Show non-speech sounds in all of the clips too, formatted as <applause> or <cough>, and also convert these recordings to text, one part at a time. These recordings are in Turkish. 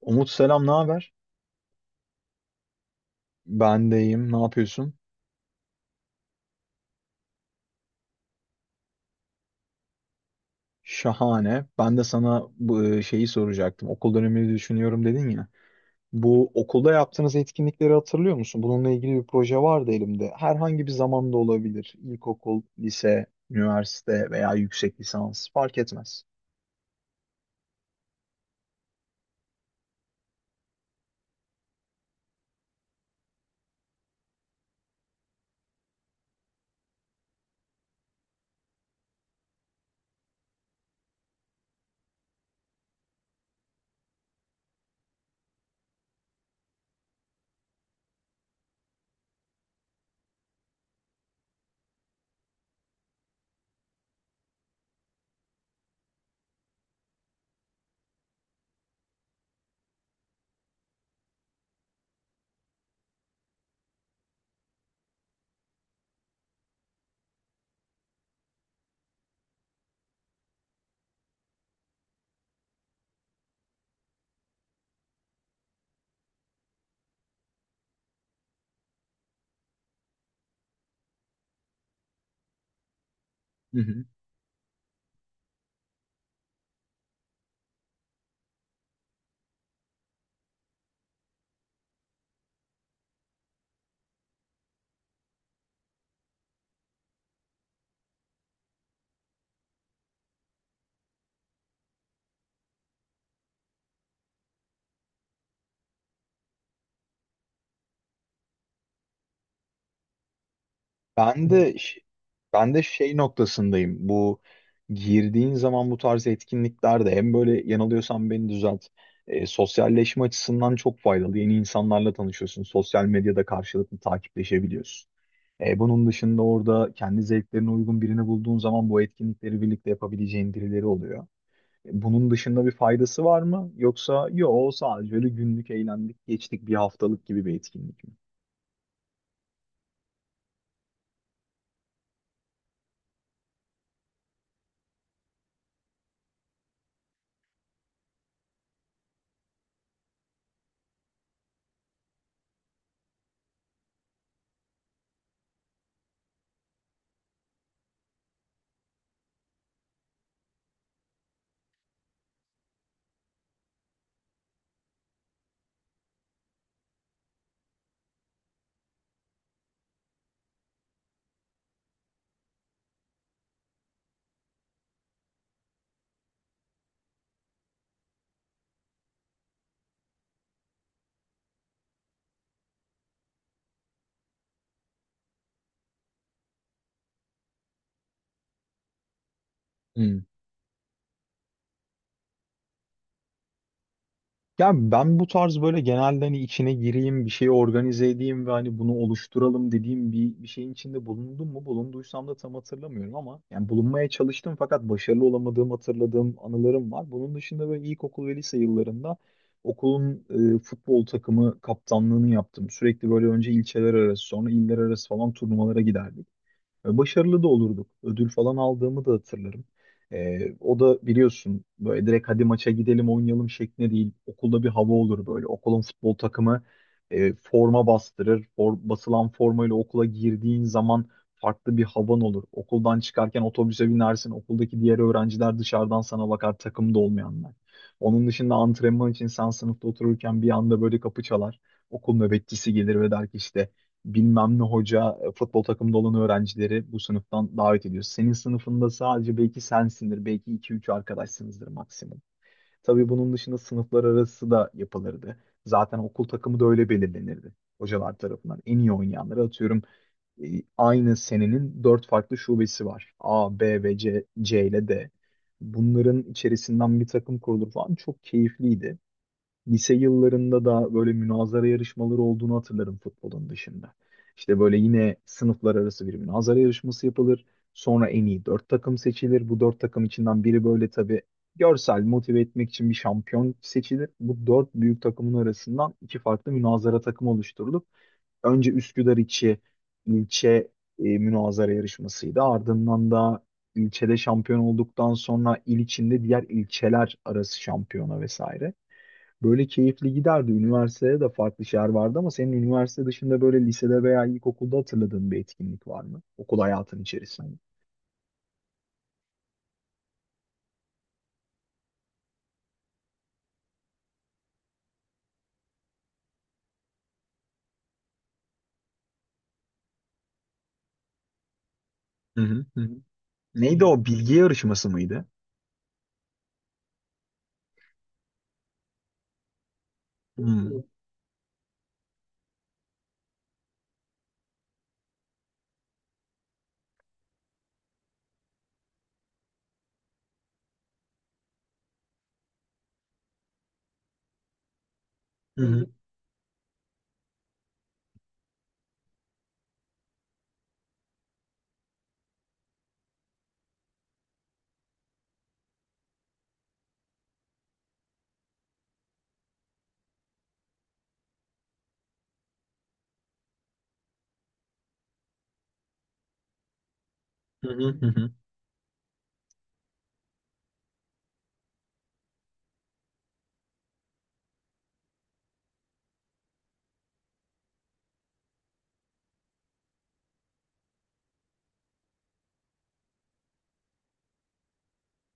Umut selam, ne haber? Ben de iyiyim, ne yapıyorsun? Şahane. Ben de sana bu şeyi soracaktım. Okul dönemini düşünüyorum dedin ya. Bu okulda yaptığınız etkinlikleri hatırlıyor musun? Bununla ilgili bir proje vardı elimde. Herhangi bir zamanda olabilir. İlkokul, lise, üniversite veya yüksek lisans fark etmez. <laughs> Ben de ş- Ben de şey noktasındayım. Bu girdiğin zaman bu tarz etkinliklerde hem böyle yanılıyorsan beni düzelt. E, sosyalleşme açısından çok faydalı. Yeni insanlarla tanışıyorsun. Sosyal medyada karşılıklı takipleşebiliyorsun. E, bunun dışında orada kendi zevklerine uygun birini bulduğun zaman bu etkinlikleri birlikte yapabileceğin birileri oluyor. E, bunun dışında bir faydası var mı? Yoksa yo sadece öyle günlük eğlendik geçtik bir haftalık gibi bir etkinlik mi? Ya ben bu tarz böyle genelde hani içine gireyim, bir şey organize edeyim ve hani bunu oluşturalım dediğim bir şeyin içinde bulundum mu? Bulunduysam da tam hatırlamıyorum ama yani bulunmaya çalıştım fakat başarılı olamadığım hatırladığım anılarım var. Bunun dışında böyle ilkokul ve lise yıllarında okulun futbol takımı kaptanlığını yaptım. Sürekli böyle önce ilçeler arası sonra iller arası falan turnuvalara giderdik. E, başarılı da olurduk. Ödül falan aldığımı da hatırlarım. E, o da biliyorsun böyle direkt hadi maça gidelim oynayalım şeklinde değil. Okulda bir hava olur böyle. Okulun futbol takımı forma bastırır. Basılan formayla okula girdiğin zaman farklı bir havan olur. Okuldan çıkarken otobüse binersin. Okuldaki diğer öğrenciler dışarıdan sana bakar, takımda olmayanlar. Onun dışında antrenman için sen sınıfta otururken bir anda böyle kapı çalar. Okul nöbetçisi gelir ve der ki işte bilmem ne hoca futbol takımında olan öğrencileri bu sınıftan davet ediyor. Senin sınıfında sadece belki sensindir, belki iki üç arkadaşsınızdır maksimum. Tabii bunun dışında sınıflar arası da yapılırdı. Zaten okul takımı da öyle belirlenirdi, hocalar tarafından. En iyi oynayanları atıyorum e, aynı senenin dört farklı şubesi var. A, B ve C, C ile D. Bunların içerisinden bir takım kurulur falan, çok keyifliydi. Lise yıllarında da böyle münazara yarışmaları olduğunu hatırlarım, futbolun dışında. İşte böyle yine sınıflar arası bir münazara yarışması yapılır. Sonra en iyi dört takım seçilir. Bu dört takım içinden biri böyle tabii görsel motive etmek için bir şampiyon seçilir. Bu dört büyük takımın arasından iki farklı münazara takımı oluşturulup önce Üsküdar içi ilçe münazara yarışmasıydı. Ardından da ilçede şampiyon olduktan sonra il içinde diğer ilçeler arası şampiyona vesaire. Böyle keyifli giderdi. Üniversitede de farklı şeyler vardı ama senin üniversite dışında böyle lisede veya ilkokulda hatırladığın bir etkinlik var mı? Okul hayatın içerisinde. Hı hı, hı hı. Neydi o? Bilgi yarışması mıydı? Hı hı, hı hı, hı hı, hı hı.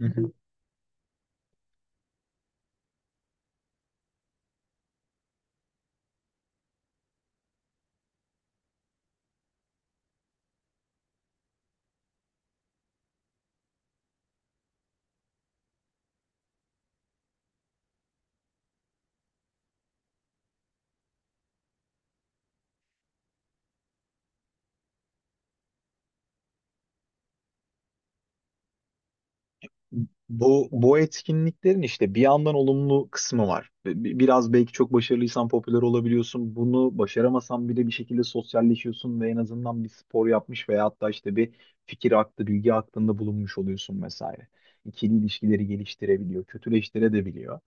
Hı hı. Bu bu etkinliklerin işte bir yandan olumlu kısmı var. Biraz belki çok başarılıysan popüler olabiliyorsun. Bunu başaramasan bile bir şekilde sosyalleşiyorsun ve en azından bir spor yapmış veya hatta işte bir fikir aktı, bilgi aktında bulunmuş oluyorsun vesaire. İkili ilişkileri geliştirebiliyor, kötüleştirebiliyor.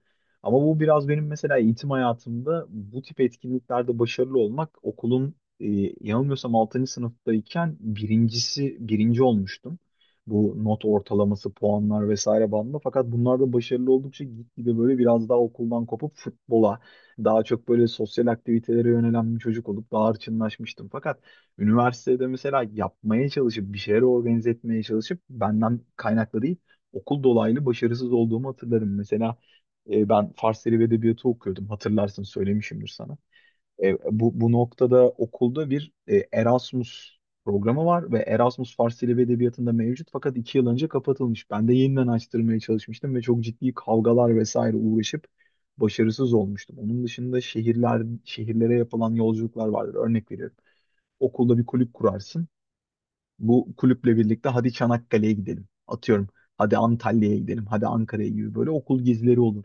Ama bu biraz benim mesela eğitim hayatımda bu tip etkinliklerde başarılı olmak okulun yanılmıyorsam 6. sınıftayken birinci olmuştum, bu not ortalaması, puanlar vesaire bandında. Fakat bunlarda başarılı oldukça gitgide böyle biraz daha okuldan kopup futbola, daha çok böyle sosyal aktivitelere yönelen bir çocuk olup daha hırçınlaşmıştım. Fakat üniversitede mesela yapmaya çalışıp, bir şeyler organize etmeye çalışıp benden kaynaklı değil, okul dolaylı başarısız olduğumu hatırlarım. Mesela ben Fars Dili ve Edebiyatı okuyordum. Hatırlarsın, söylemişimdir sana. E, bu, bu noktada okulda bir Erasmus programı var ve Erasmus Fars Dili ve Edebiyatı'nda mevcut fakat 2 yıl önce kapatılmış. Ben de yeniden açtırmaya çalışmıştım ve çok ciddi kavgalar vesaire uğraşıp başarısız olmuştum. Onun dışında şehirler, şehirlere yapılan yolculuklar vardır. Örnek veriyorum. Okulda bir kulüp kurarsın. Bu kulüple birlikte hadi Çanakkale'ye gidelim. Atıyorum. Hadi Antalya'ya gidelim. Hadi Ankara'ya gibi böyle okul gezileri olur.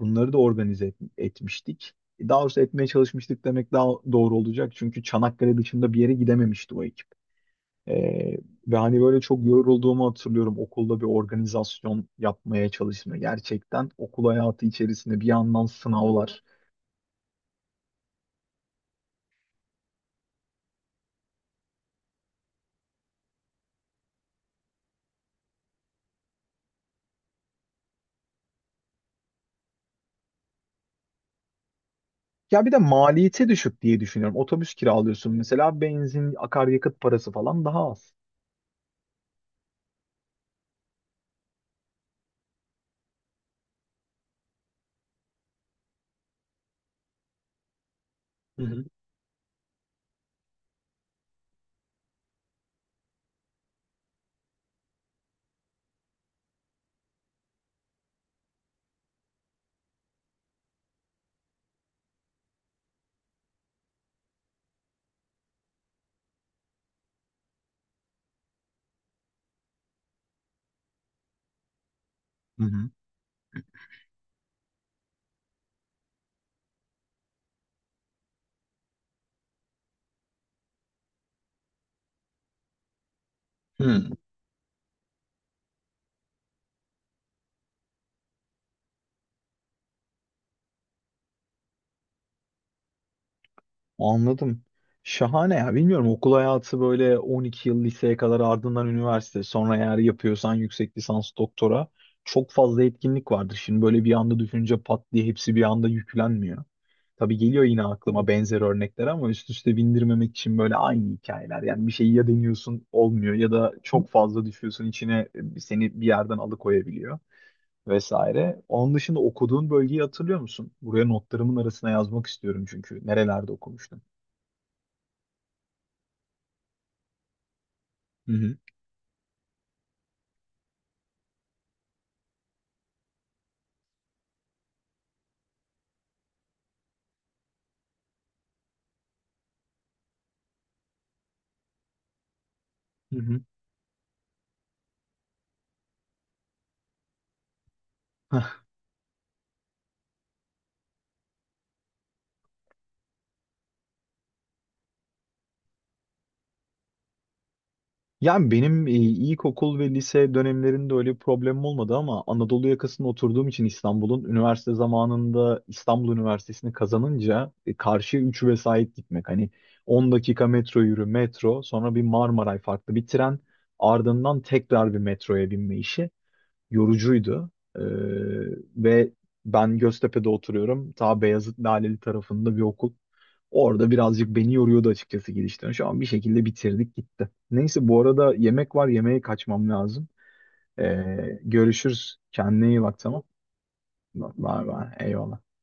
Bunları da etmiştik. E, daha doğrusu etmeye çalışmıştık demek daha doğru olacak. Çünkü Çanakkale dışında bir yere gidememişti o ekip. Ee, Ve hani böyle çok yorulduğumu hatırlıyorum. Okulda bir organizasyon yapmaya çalışma. Gerçekten okul hayatı içerisinde bir yandan sınavlar. Ya bir de maliyeti düşük diye düşünüyorum. Otobüs kiralıyorsun mesela, benzin, akaryakıt parası falan daha az. Hı hı. Hı hı. Hı. Anladım. Şahane ya. Bilmiyorum, okul hayatı böyle 12 yıl liseye kadar, ardından üniversite, sonra eğer yapıyorsan yüksek lisans, doktora, çok fazla etkinlik vardır. Şimdi böyle bir anda düşünce pat diye hepsi bir anda yüklenmiyor. Tabii geliyor yine aklıma benzer örnekler ama üst üste bindirmemek için böyle aynı hikayeler. Yani bir şeyi ya deniyorsun olmuyor ya da çok fazla düşüyorsun içine, seni bir yerden alıkoyabiliyor vesaire. Onun dışında okuduğun bölgeyi hatırlıyor musun? Buraya notlarımın arasına yazmak istiyorum çünkü nerelerde okumuştun? Hı hı. Hı hı. Hah. Yani benim ilkokul ve lise dönemlerinde öyle bir problemim olmadı ama Anadolu yakasında oturduğum için İstanbul'un üniversite zamanında İstanbul Üniversitesi'ni kazanınca karşıya 3 vesait gitmek. Hani 10 dakika metro yürü, metro, sonra bir Marmaray, farklı bir tren, ardından tekrar bir metroya binme işi yorucuydu. Ee, Ve ben Göztepe'de oturuyorum. Ta Beyazıt, Laleli tarafında bir okul. Orada birazcık beni yoruyordu açıkçası, gidişten. Şu an bir şekilde bitirdik, gitti. Neyse, bu arada yemek var. Yemeğe kaçmam lazım. Görüşürüz. Kendine iyi bak, tamam. Var var. Eyvallah.